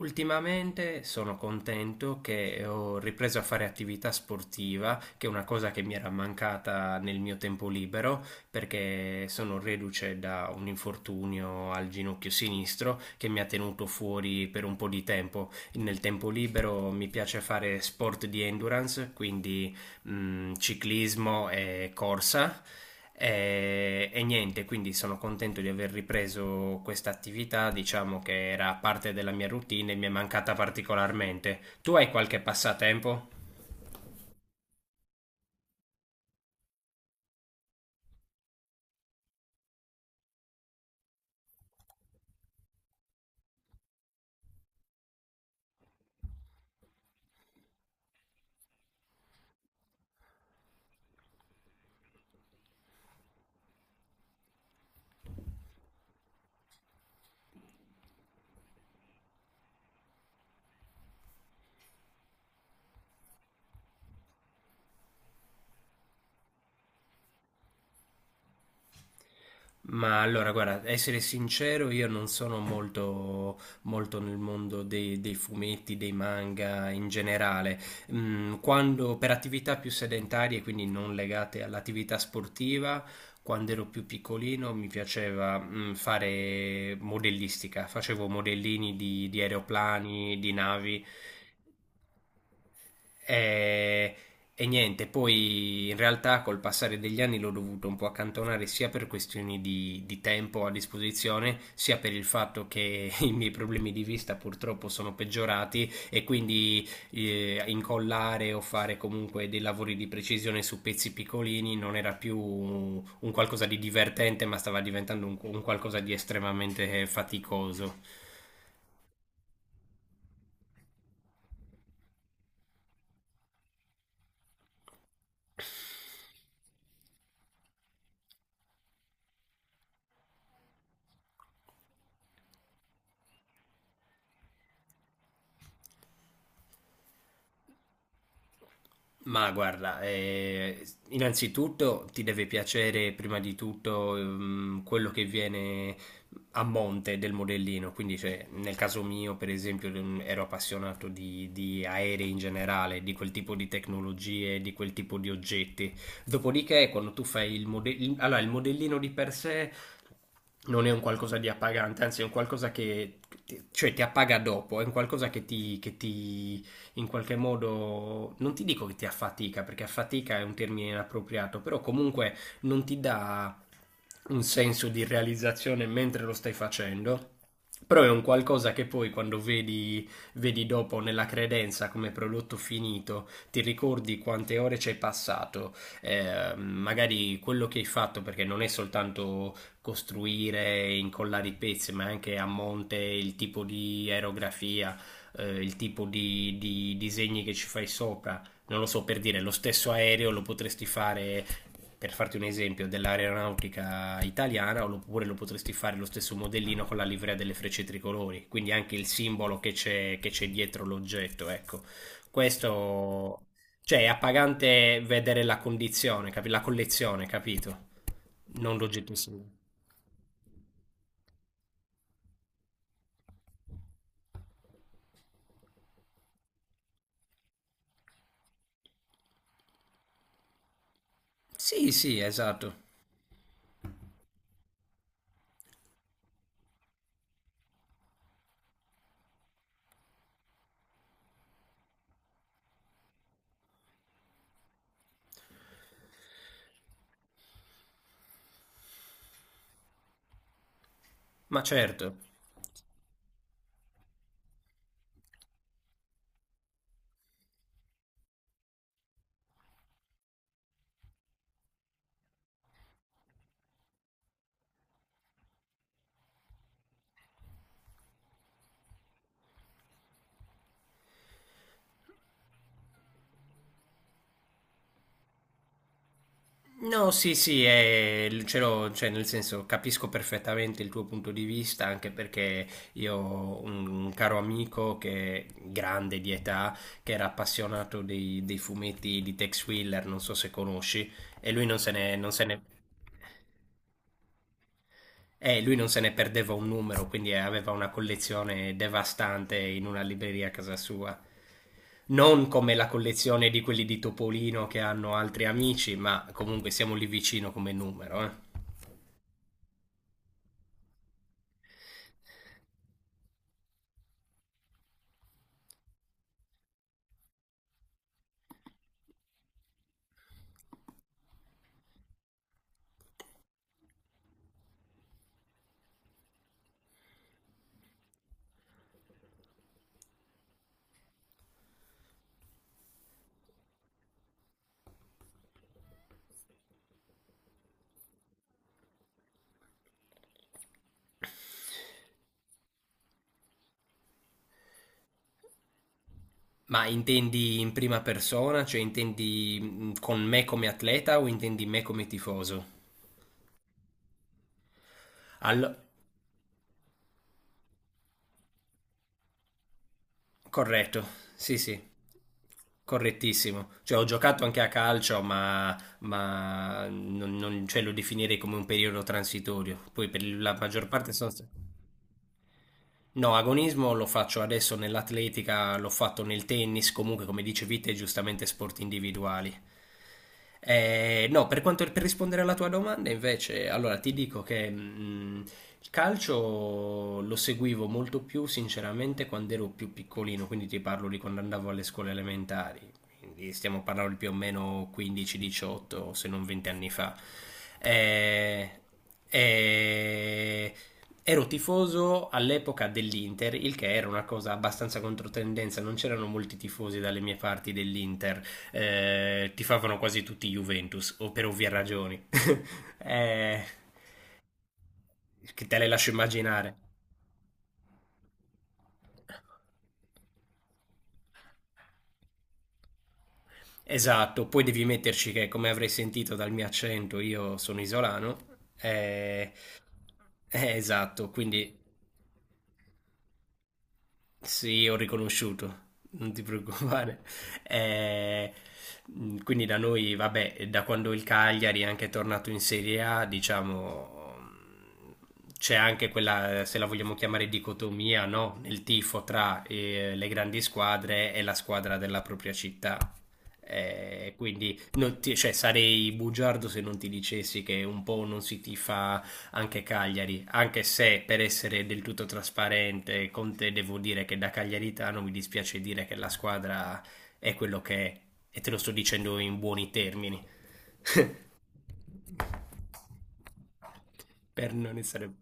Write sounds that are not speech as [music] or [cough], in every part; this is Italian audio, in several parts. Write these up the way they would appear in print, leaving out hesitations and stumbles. Ultimamente sono contento che ho ripreso a fare attività sportiva, che è una cosa che mi era mancata nel mio tempo libero, perché sono reduce da un infortunio al ginocchio sinistro che mi ha tenuto fuori per un po' di tempo. Nel tempo libero mi piace fare sport di endurance, quindi ciclismo e corsa. E niente, quindi sono contento di aver ripreso questa attività, diciamo che era parte della mia routine e mi è mancata particolarmente. Tu hai qualche passatempo? Ma allora, guarda, essere sincero, io non sono molto, molto nel mondo dei fumetti, dei manga in generale. Quando, per attività più sedentarie, quindi non legate all'attività sportiva, quando ero più piccolino mi piaceva, fare modellistica. Facevo modellini di aeroplani, di navi e, e niente, poi in realtà col passare degli anni l'ho dovuto un po' accantonare sia per questioni di tempo a disposizione, sia per il fatto che [laughs] i miei problemi di vista purtroppo sono peggiorati e quindi incollare o fare comunque dei lavori di precisione su pezzi piccolini non era più un qualcosa di divertente, ma stava diventando un qualcosa di estremamente faticoso. Ma guarda, innanzitutto ti deve piacere prima di tutto quello che viene a monte del modellino, quindi cioè, nel caso mio per esempio ero appassionato di aerei in generale, di quel tipo di tecnologie, di quel tipo di oggetti. Dopodiché quando tu fai il modellino, allora il modellino di per sé non è un qualcosa di appagante, anzi è un qualcosa che cioè, ti appaga dopo, è un qualcosa che ti in qualche modo, non ti dico che ti affatica, perché affatica è un termine inappropriato, però comunque non ti dà un senso di realizzazione mentre lo stai facendo. Però è un qualcosa che poi quando vedi dopo nella credenza come prodotto finito, ti ricordi quante ore ci hai passato, magari quello che hai fatto, perché non è soltanto costruire, e incollare i pezzi, ma anche a monte il tipo di aerografia, il tipo di disegni che ci fai sopra. Non lo so, per dire, lo stesso aereo lo potresti fare, per farti un esempio, dell'aeronautica italiana, oppure lo potresti fare lo stesso modellino con la livrea delle frecce tricolori, quindi anche il simbolo che c'è dietro l'oggetto, ecco. Questo, cioè, è appagante vedere la condizione, la collezione, capito? Non l'oggetto singolo. Sì, sì, esatto. Ma certo. No, sì, sì, è, ce l'ho, cioè, nel senso capisco perfettamente il tuo punto di vista, anche perché io ho un caro amico che è grande di età, che era appassionato dei fumetti di Tex Willer, non so se conosci, e lui non se ne, non se ne- lui non se ne perdeva un numero, quindi aveva una collezione devastante in una libreria a casa sua. Non come la collezione di quelli di Topolino che hanno altri amici, ma comunque siamo lì vicino come numero, eh. Ma intendi in prima persona, cioè intendi con me come atleta o intendi me come tifoso? Allo- corretto, sì, sì, correttissimo. Cioè ho giocato anche a calcio, ma cioè, lo definirei come un periodo transitorio. Poi per la maggior parte sono... No, agonismo lo faccio adesso nell'atletica, l'ho fatto nel tennis, comunque come dicevi te, giustamente sport individuali. No, per quanto, per rispondere alla tua domanda, invece, allora ti dico che il calcio lo seguivo molto più sinceramente quando ero più piccolino, quindi ti parlo di quando andavo alle scuole elementari. Quindi stiamo parlando di più o meno 15-18, se non 20 anni fa. Eh, eh, ero tifoso all'epoca dell'Inter, il che era una cosa abbastanza controtendenza, non c'erano molti tifosi dalle mie parti dell'Inter, tifavano quasi tutti Juventus, o per ovvie ragioni. [laughs] Eh, che te le lascio immaginare. Esatto, poi devi metterci che, come avrei sentito dal mio accento, io sono isolano. Eh, esatto, quindi. Sì, ho riconosciuto, non ti [laughs] preoccupare. Eh, quindi da noi, vabbè, da quando il Cagliari è anche tornato in Serie A, diciamo, c'è anche quella, se la vogliamo chiamare dicotomia, no? Nel tifo tra le grandi squadre e la squadra della propria città. Quindi non cioè, sarei bugiardo se non ti dicessi che un po' non si tifa anche Cagliari, anche se per essere del tutto trasparente con te devo dire che da cagliaritano mi dispiace dire che la squadra è quello che è e te lo sto dicendo in buoni termini, per non essere...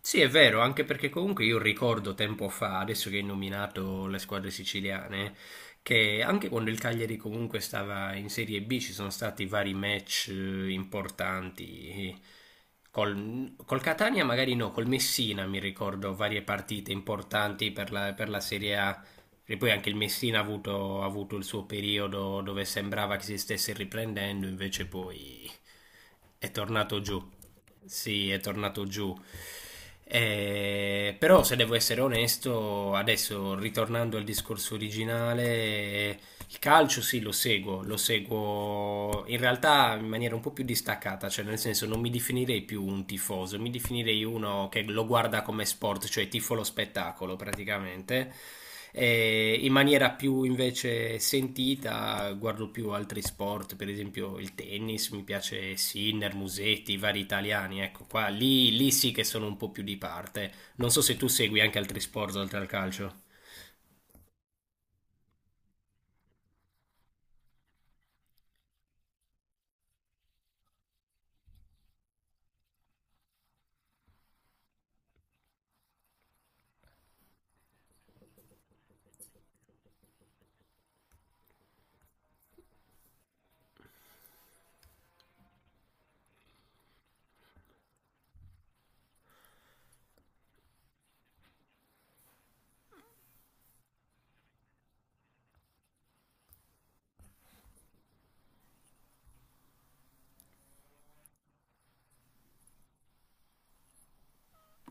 Sì, è vero, anche perché comunque io ricordo tempo fa, adesso che hai nominato le squadre siciliane, che anche quando il Cagliari comunque stava in Serie B ci sono stati vari match importanti. Col Catania magari no, col Messina mi ricordo varie partite importanti per la Serie A. E poi anche il Messina ha avuto il suo periodo dove sembrava che si stesse riprendendo, invece poi è tornato giù. Sì, è tornato giù. Però se devo essere onesto, adesso ritornando al discorso originale, il calcio sì, lo seguo in realtà in maniera un po' più distaccata, cioè nel senso non mi definirei più un tifoso, mi definirei uno che lo guarda come sport, cioè tifo lo spettacolo praticamente. E in maniera più invece sentita guardo più altri sport, per esempio il tennis, mi piace Sinner, Musetti, i vari italiani, ecco qua, lì, lì sì che sono un po' più di parte. Non so se tu segui anche altri sport oltre al calcio.